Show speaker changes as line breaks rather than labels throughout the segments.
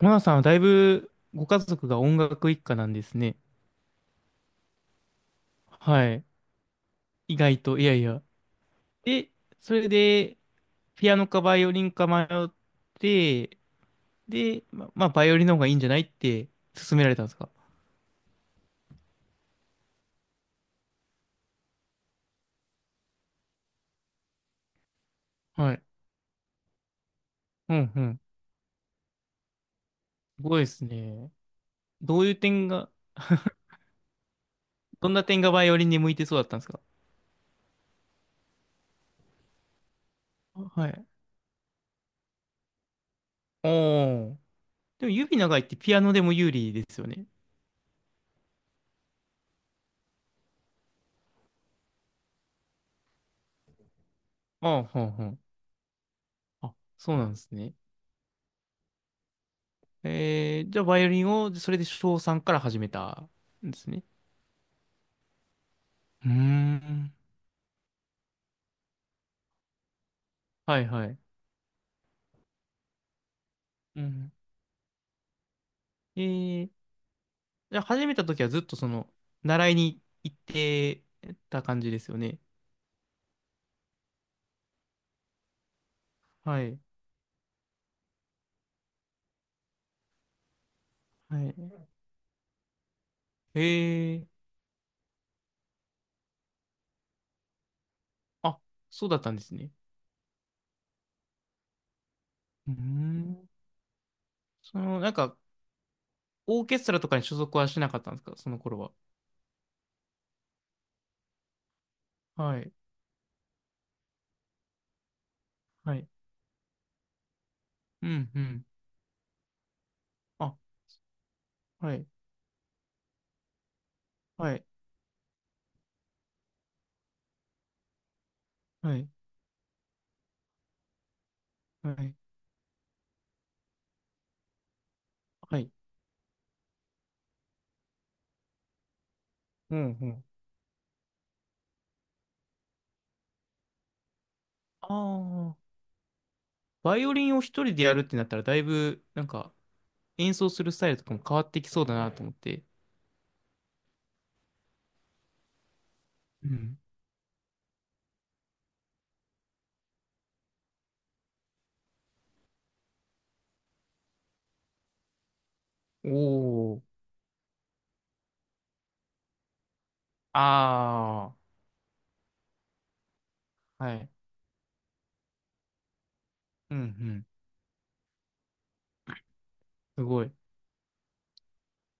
モナさんはだいぶご家族が音楽一家なんですね。はい。意外と、いやいや。で、それで、ピアノかバイオリンか迷って、で、まあ、バイオリンの方がいいんじゃないって勧められたんですか？はい。うんうん。すごいですね。どういう点が、どんな点がバイオリンに向いてそうだったんですか？はい。おー。でも指長いってピアノでも有利ですよね。ああ、はんはん。あ、そうなんですね。えー、じゃあ、バイオリンを、それで小さんから始めたんですね。うーん。はいはい。うん。えー、じゃあ、始めた時はずっと習いに行ってた感じですよね。はい。はい。えー、あ、そうだったんですね。うーん。その、なんか、オーケストラとかに所属はしなかったんですか、その頃は。はい。はい。うん、うん。あ、はい。はい。はい。はい。はい。うん、うん。ああ。バイオリンを一人でやるってなったら、だいぶ、なんか、演奏するスタイルとかも変わってきそうだなと思って。うん。おお、ああ、はい。うんうん。すごい。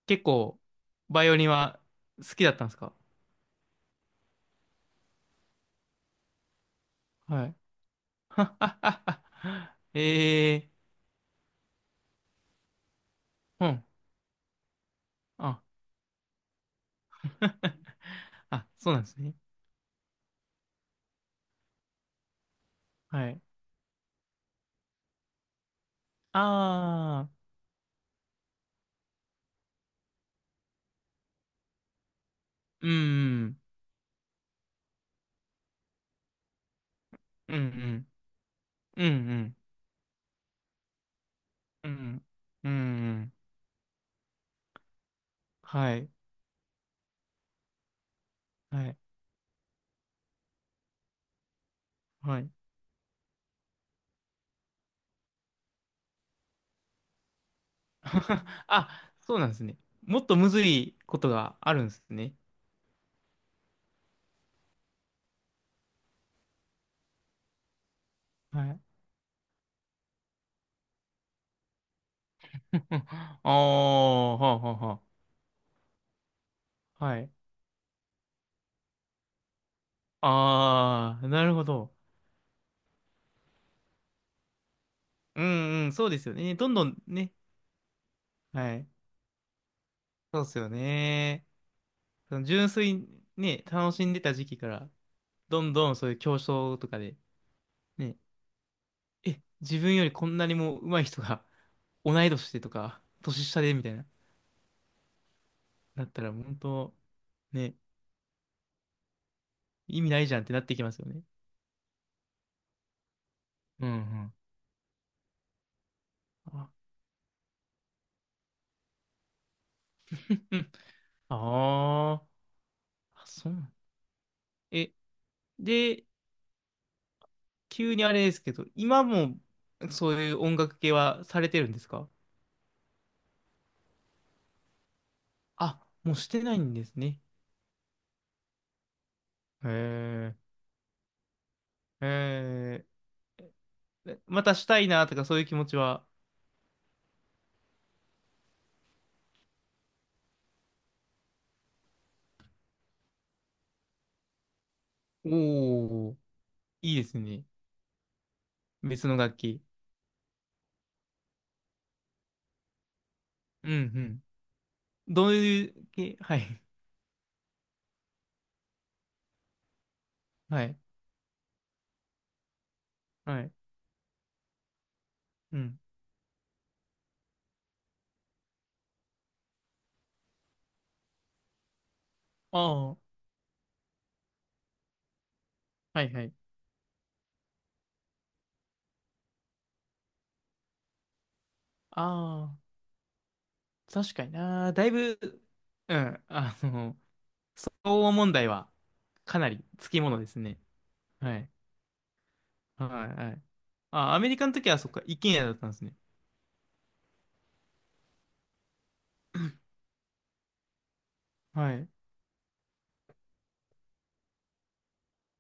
結構、バイオリンは好きだったんですか？はい。はっはっはええー、うん。あ、あ、そうなんですね。はい。ああ、うん、うん、うん、うん、うん、うん、うん、うんうん、はい、はい、はい。あ、そうなんですね。もっとむずいことがあるんですね。はい。ああ、はあはあはあ。はい。ああ、なるほど。うんうん、そうですよね。どんどんね。はい。そうですよね。その純粋にね、楽しんでた時期から、どんどんそういう競争とかで、ね、え、自分よりこんなにも上手い人が同い年でとか、年下でみたいな、なったら、本当ね、意味ないじゃんってなってきますよね。うんうん。あーあ、あそうなん。え、で、急にあれですけど、今もそういう音楽系はされてるんですか？あ、もうしてないんですね。へえ、へえ、えまたしたいなとかそういう気持ちは？おお、いいですね。別の楽器。うんうん。どういう系、はい、はい、はい、うん。ああ、はいはい。ああ、確かにな。だいぶ、うん、あの、東欧問題はかなりつきものですね。はい。はい、はい。あ、アメリカの時はそっか、一軒家だったんですね。はい。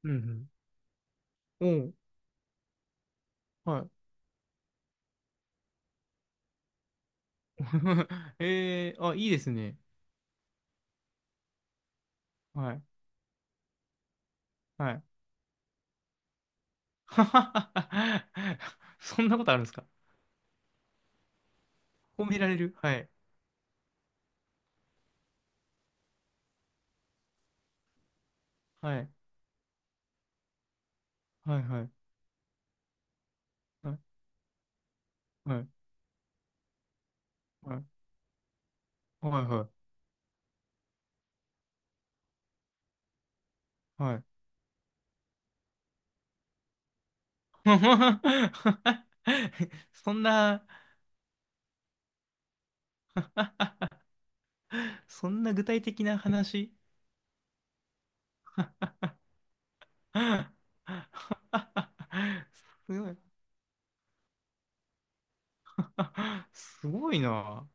うん、うん。おう、はい。えー、あ、いいですね。はい、はい。ははははそんなことあるんですか？褒められる、はい、はい、はい、はい、はい、はい、はい、はい、はい。はい。 そんな、そんな具体的な話。 すごい。あすごいな。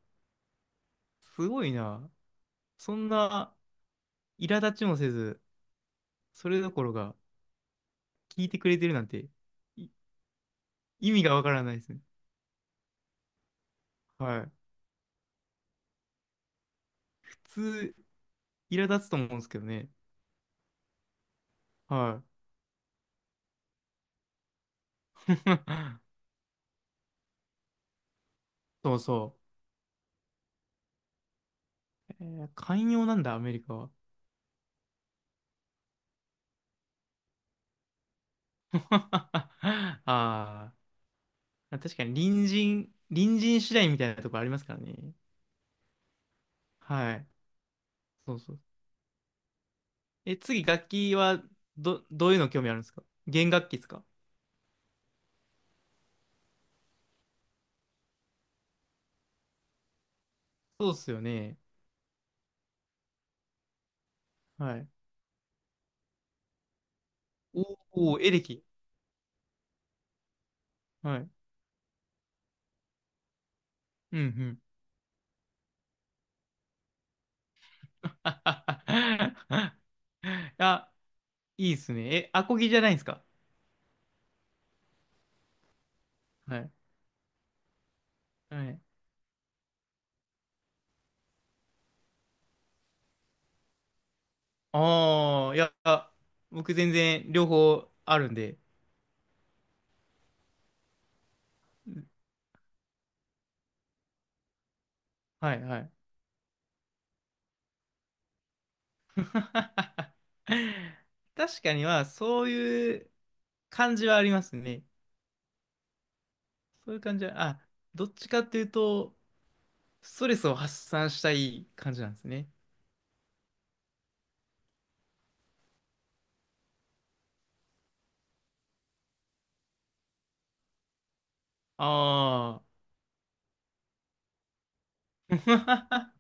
すごいな。そんな苛立ちもせず、それどころか聞いてくれてるなんて、い意味がわからないですね。はい。普通、苛立つと思うんですけどね。はい。そうそう。えー寛容なんだ、アメリカは。ああ、確かに隣人次第みたいなところありますからね。はい。そうそう。え、次、楽器はどういうの興味あるんですか？弦楽器ですか？そうっすよね。はい。おお、エレキ。はい。うんうん。あ、いいっすね。え、アコギじゃないんすか？はい。はい。ああ、いや、僕全然両方あるんで。はいはい。確かには、そういう感じはありますね。そういう感じは、あ、どっちかっていうと、ストレスを発散したい感じなんですね。ああ。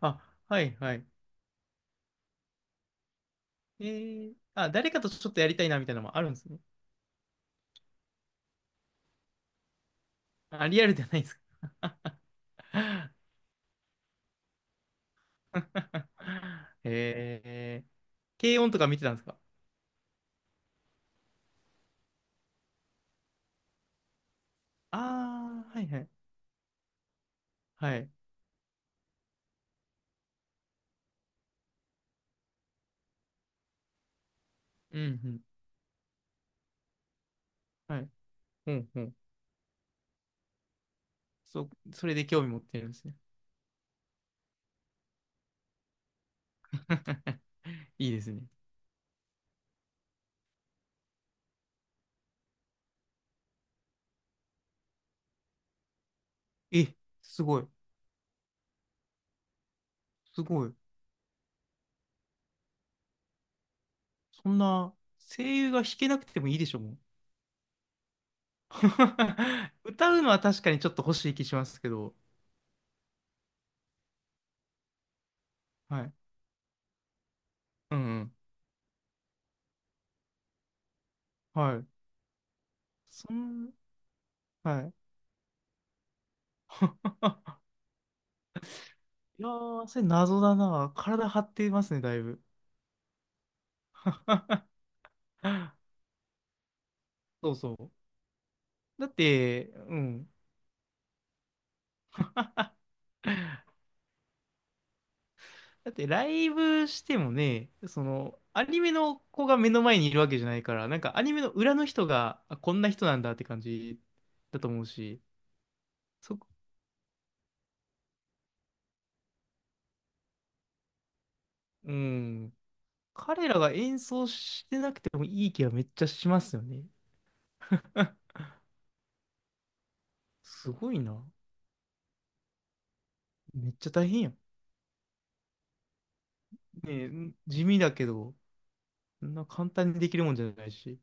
あ、はいはい。えー、あ、誰かとちょっとやりたいなみたいなのもあるんですね。あ、リアルじゃないですか。えー、軽音とか見てたんですか？ああー、はいはい。はい。うん、うん。はい。うん、うん。それで興味持ってるんですね。いいですね。え、すごい。すごい。そんな、声優が弾けなくてもいいでしょ、もう。歌うのは確かにちょっと欲しい気しますけど。はい。うん、うん。はい。そん、はい。いやー、それ謎だな。体張ってますね、だいぶ。そうそう。だって、うん。だって、ライブしてもね、その、アニメの子が目の前にいるわけじゃないから、なんかアニメの裏の人が、あ、こんな人なんだって感じだと思うし、そ、うん。彼らが演奏してなくてもいい気はめっちゃしますよね。すごいな。めっちゃ大変やん。ねえ、地味だけど、そんな簡単にできるもんじゃないし。